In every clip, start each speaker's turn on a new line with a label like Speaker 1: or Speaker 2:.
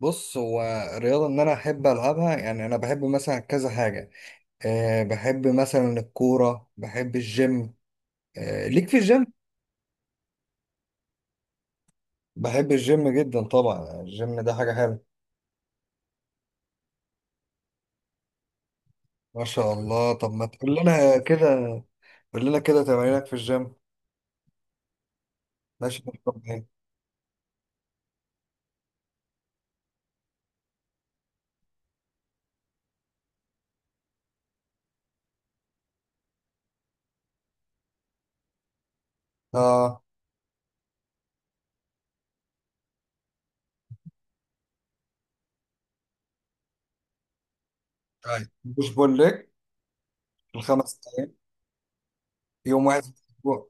Speaker 1: بص هو الرياضة إن أنا أحب ألعبها، يعني أنا بحب مثلا كذا حاجة. أه بحب مثلا الكورة، بحب الجيم. أه ليك في الجيم؟ بحب الجيم جدا، طبعا الجيم ده حاجة حلوة. ما شاء الله. طب ما تقول لنا كده، قول لنا كده تمارينك في الجيم. ماشي طب إيه؟ آه. طيب بوش بول ليج. الخمس أيام. يوم واحد في الأسبوع.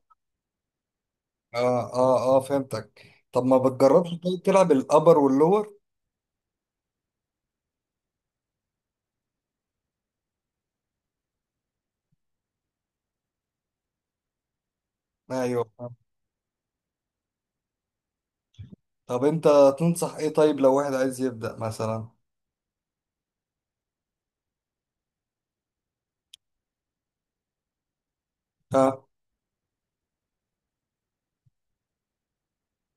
Speaker 1: آه آه آه فهمتك. طب ما بتجربش طيب تلعب الأبر واللور؟ أيوه. طب انت تنصح ايه طيب لو واحد عايز يبدأ مثلا. ها.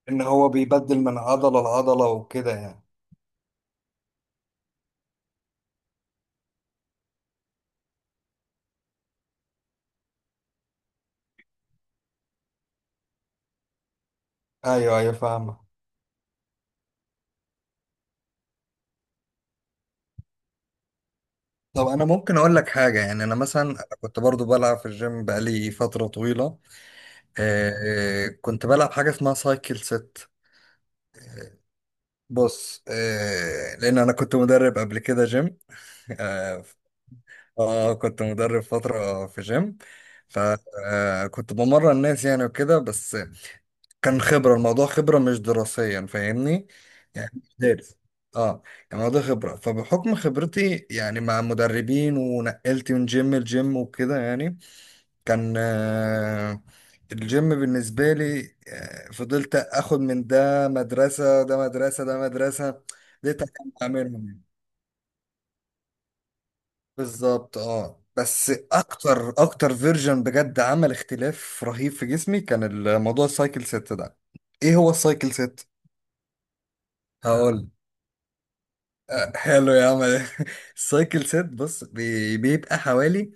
Speaker 1: ان هو بيبدل من عضلة لعضلة وكده يعني. ايوه ايوه فاهمة. طب انا ممكن اقول لك حاجة، يعني انا مثلا أنا كنت برضو بلعب في الجيم بقالي فترة طويلة. آه. آه، كنت بلعب حاجة اسمها سايكل ست. بص آه لان انا كنت مدرب قبل كده جيم. اه. آه، كنت مدرب فترة في جيم. فكنت بمرن الناس يعني وكده، بس كان خبرة الموضوع خبرة مش دراسيا فاهمني. يعني مش دارس. اه. يعني الموضوع خبرة، فبحكم خبرتي يعني مع مدربين ونقلت من جيم لجيم وكده يعني كان آه الجيم بالنسبة لي. آه، فضلت اخد من ده مدرسة ده مدرسة ده مدرسة ده اعملهم. بالظبط اه، بس اكتر اكتر فيرجن بجد عمل اختلاف رهيب في جسمي كان الموضوع السايكل ست ده. ايه هو السايكل ست؟ هقول. آه، حلو يا عم السايكل سيت بص بيبقى حوالي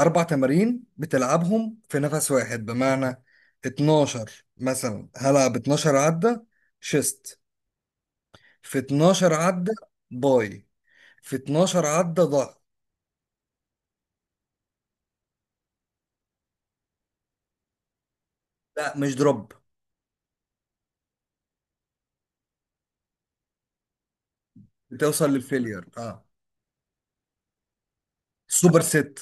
Speaker 1: أربع تمارين بتلعبهم في نفس واحد، بمعنى 12 مثلا هلعب 12 عدة شيست، في 12 عدة باي، في 12 عدة ظهر. لا مش دروب. بتوصل للفيلير اه. سوبر سيت.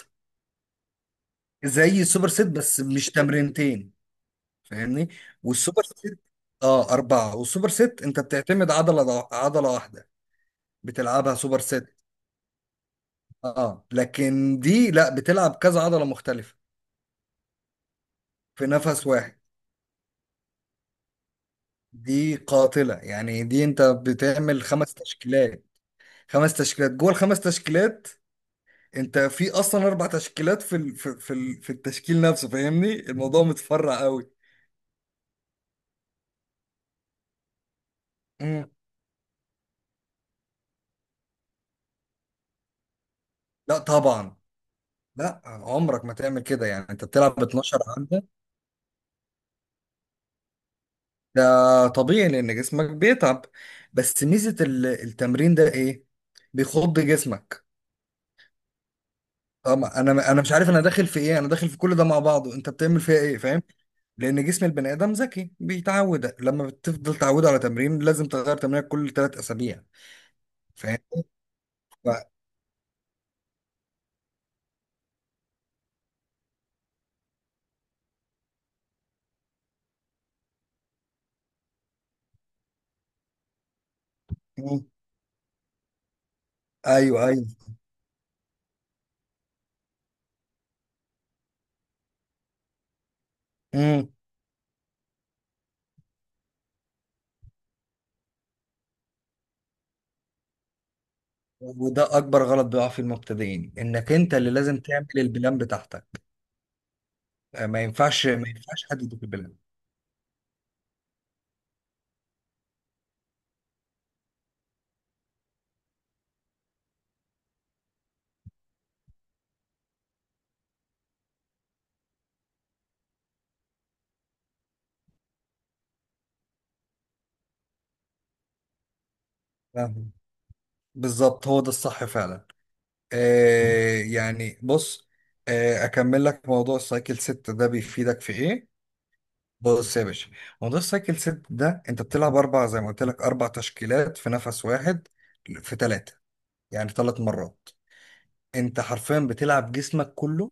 Speaker 1: زي السوبر سيت بس مش تمرينتين. فاهمني. والسوبر سيت اه أربعة، والسوبر سيت أنت بتعتمد عضلة، عضلة واحدة بتلعبها سوبر سيت. اه لكن دي لا بتلعب كذا عضلة مختلفة في نفس واحد. دي قاتلة يعني، دي انت بتعمل خمس تشكيلات، خمس تشكيلات، جوه الخمس تشكيلات انت في اصلا اربع تشكيلات في في في التشكيل نفسه فاهمني، الموضوع متفرع قوي. مم. لا طبعا، لا عمرك ما تعمل كده يعني. انت بتلعب 12 عدة، ده طبيعي لان جسمك بيتعب. بس ميزة التمرين ده ايه؟ بيخض جسمك. اه ما انا مش عارف انا داخل في ايه، انا داخل في كل ده مع بعضه، انت بتعمل فيها ايه فاهم؟ لان جسم البني ادم ذكي بيتعود، لما بتفضل تعوده على تمرين لازم تغير تمرينك كل 3 اسابيع. فاهم. ف... مم. ايوه ايوه. مم. وده اكبر غلط بيقع في المبتدئين، انك انت اللي لازم تعمل البلان بتاعتك. آه، ما ينفعش ما ينفعش حد يديك البلان. فاهم؟ بالظبط هو ده الصح فعلا. آه يعني بص، آه اكمل لك موضوع السايكل ست ده بيفيدك في ايه. بص يا باشا، موضوع السايكل ست ده انت بتلعب اربع زي ما قلت لك، اربع تشكيلات في نفس واحد، في ثلاثه، يعني 3 مرات، انت حرفيا بتلعب جسمك كله.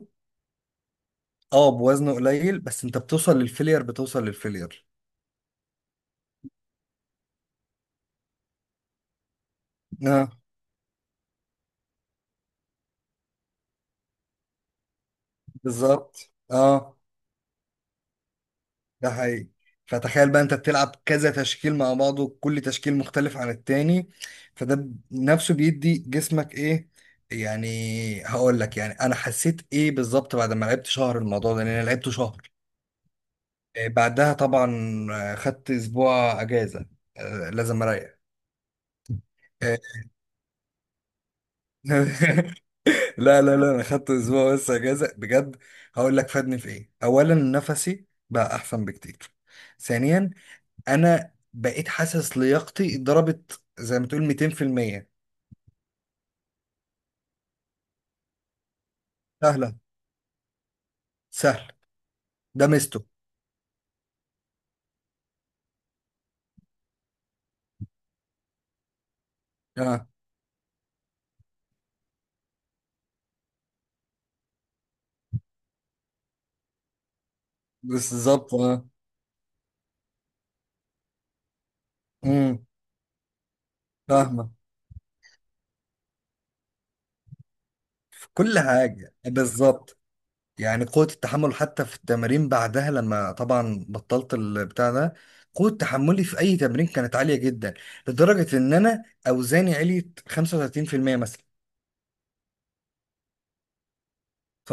Speaker 1: اه بوزنه قليل بس انت بتوصل للفيلير، بتوصل للفيلير. اه بالظبط اه، ده حقيقي. فتخيل بقى انت بتلعب كذا تشكيل مع بعضه، كل تشكيل مختلف عن التاني، فده نفسه بيدي جسمك ايه. يعني هقول لك يعني انا حسيت ايه بالظبط بعد ما لعبت شهر الموضوع ده، لان انا لعبته شهر. آه، بعدها طبعا، آه خدت اسبوع اجازه، آه لازم اريح. آه. لا لا لا، انا خدت اسبوع بس اجازه بجد. هقول لك فادني في ايه. اولا نفسي بقى احسن بكتير. ثانيا انا بقيت حاسس لياقتي ضربت زي ما تقول 200%. سهله، سهل. ده مستو اه بالظبط اه. امم فاهمه. في كل حاجه بالظبط، يعني قوة التحمل حتى في التمارين بعدها لما طبعا بطلت البتاع ده، قوة تحملي في أي تمرين كانت عالية جدا لدرجة إن أنا أوزاني عليت 35% مثلا. ف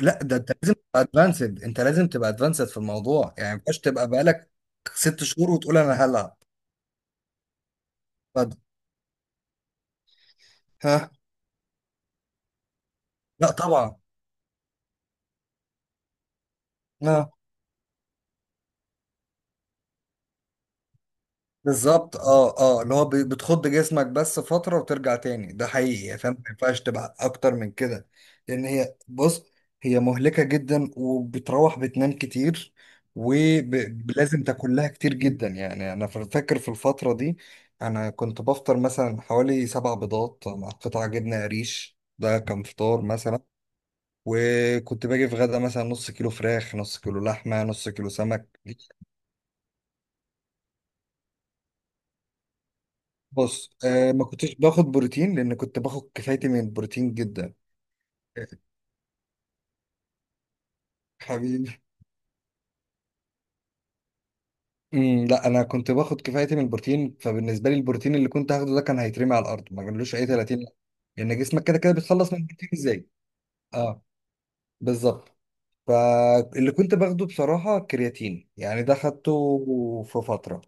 Speaker 1: لا ده أنت لازم تبقى أدفانسد، أنت لازم تبقى أدفانسد في الموضوع، يعني ما ينفعش تبقى بقالك 6 شهور وتقول أنا هلعب. ف- ها. لا طبعا. ها. بالظبط اه اه، اللي هو بتخض جسمك بس فترة وترجع تاني، ده حقيقي فاهم، ما ينفعش تبقى اكتر من كده. لان هي بص، هي مهلكة جدا وبتروح بتنام كتير، ولازم تاكل لها كتير جدا. يعني انا فاكر في الفترة دي انا كنت بفطر مثلا حوالي 7 بيضات مع قطع جبنة قريش، ده كان فطار مثلا. وكنت باجي في غدا مثلا نص كيلو فراخ، نص كيلو لحمة، نص كيلو سمك. بص آه ما كنتش باخد بروتين، لان كنت باخد كفايتي من البروتين جدا. حبيبي. امم، لا انا كنت باخد كفايتي من البروتين، فبالنسبه لي البروتين اللي كنت هاخده ده كان هيترمي على الارض، ما كانلوش اي 30. لان جسمك كده كده بيتخلص من البروتين ازاي. اه بالظبط. فاللي كنت باخده بصراحه كرياتين، يعني ده خدته في فتره.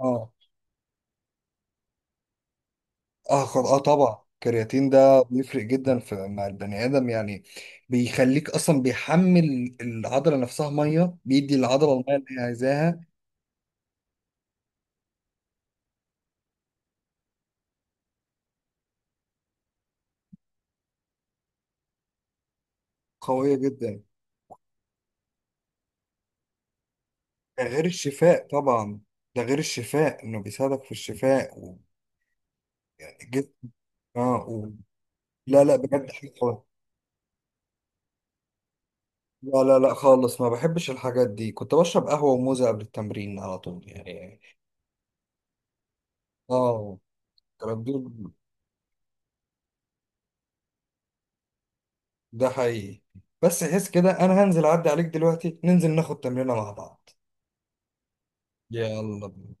Speaker 1: اه اه اه طبعا الكرياتين ده بيفرق جدا في مع البني ادم يعني، بيخليك اصلا بيحمل العضله نفسها ميه، بيدي العضله الميه اللي هي عايزاها. قويه جدا. ده غير الشفاء طبعا، ده غير الشفاء انه بيساعدك في الشفاء و... يعني جد اه و... لا لا بجد حاجه قوية. لا لا لا خالص، ما بحبش الحاجات دي. كنت بشرب قهوه وموزه قبل التمرين على طول يعني. اه الكلام ده، ده حقيقي. بس حس كده انا هنزل اعدي عليك دلوقتي، ننزل ناخد تمرينة مع بعض. يلا بينا.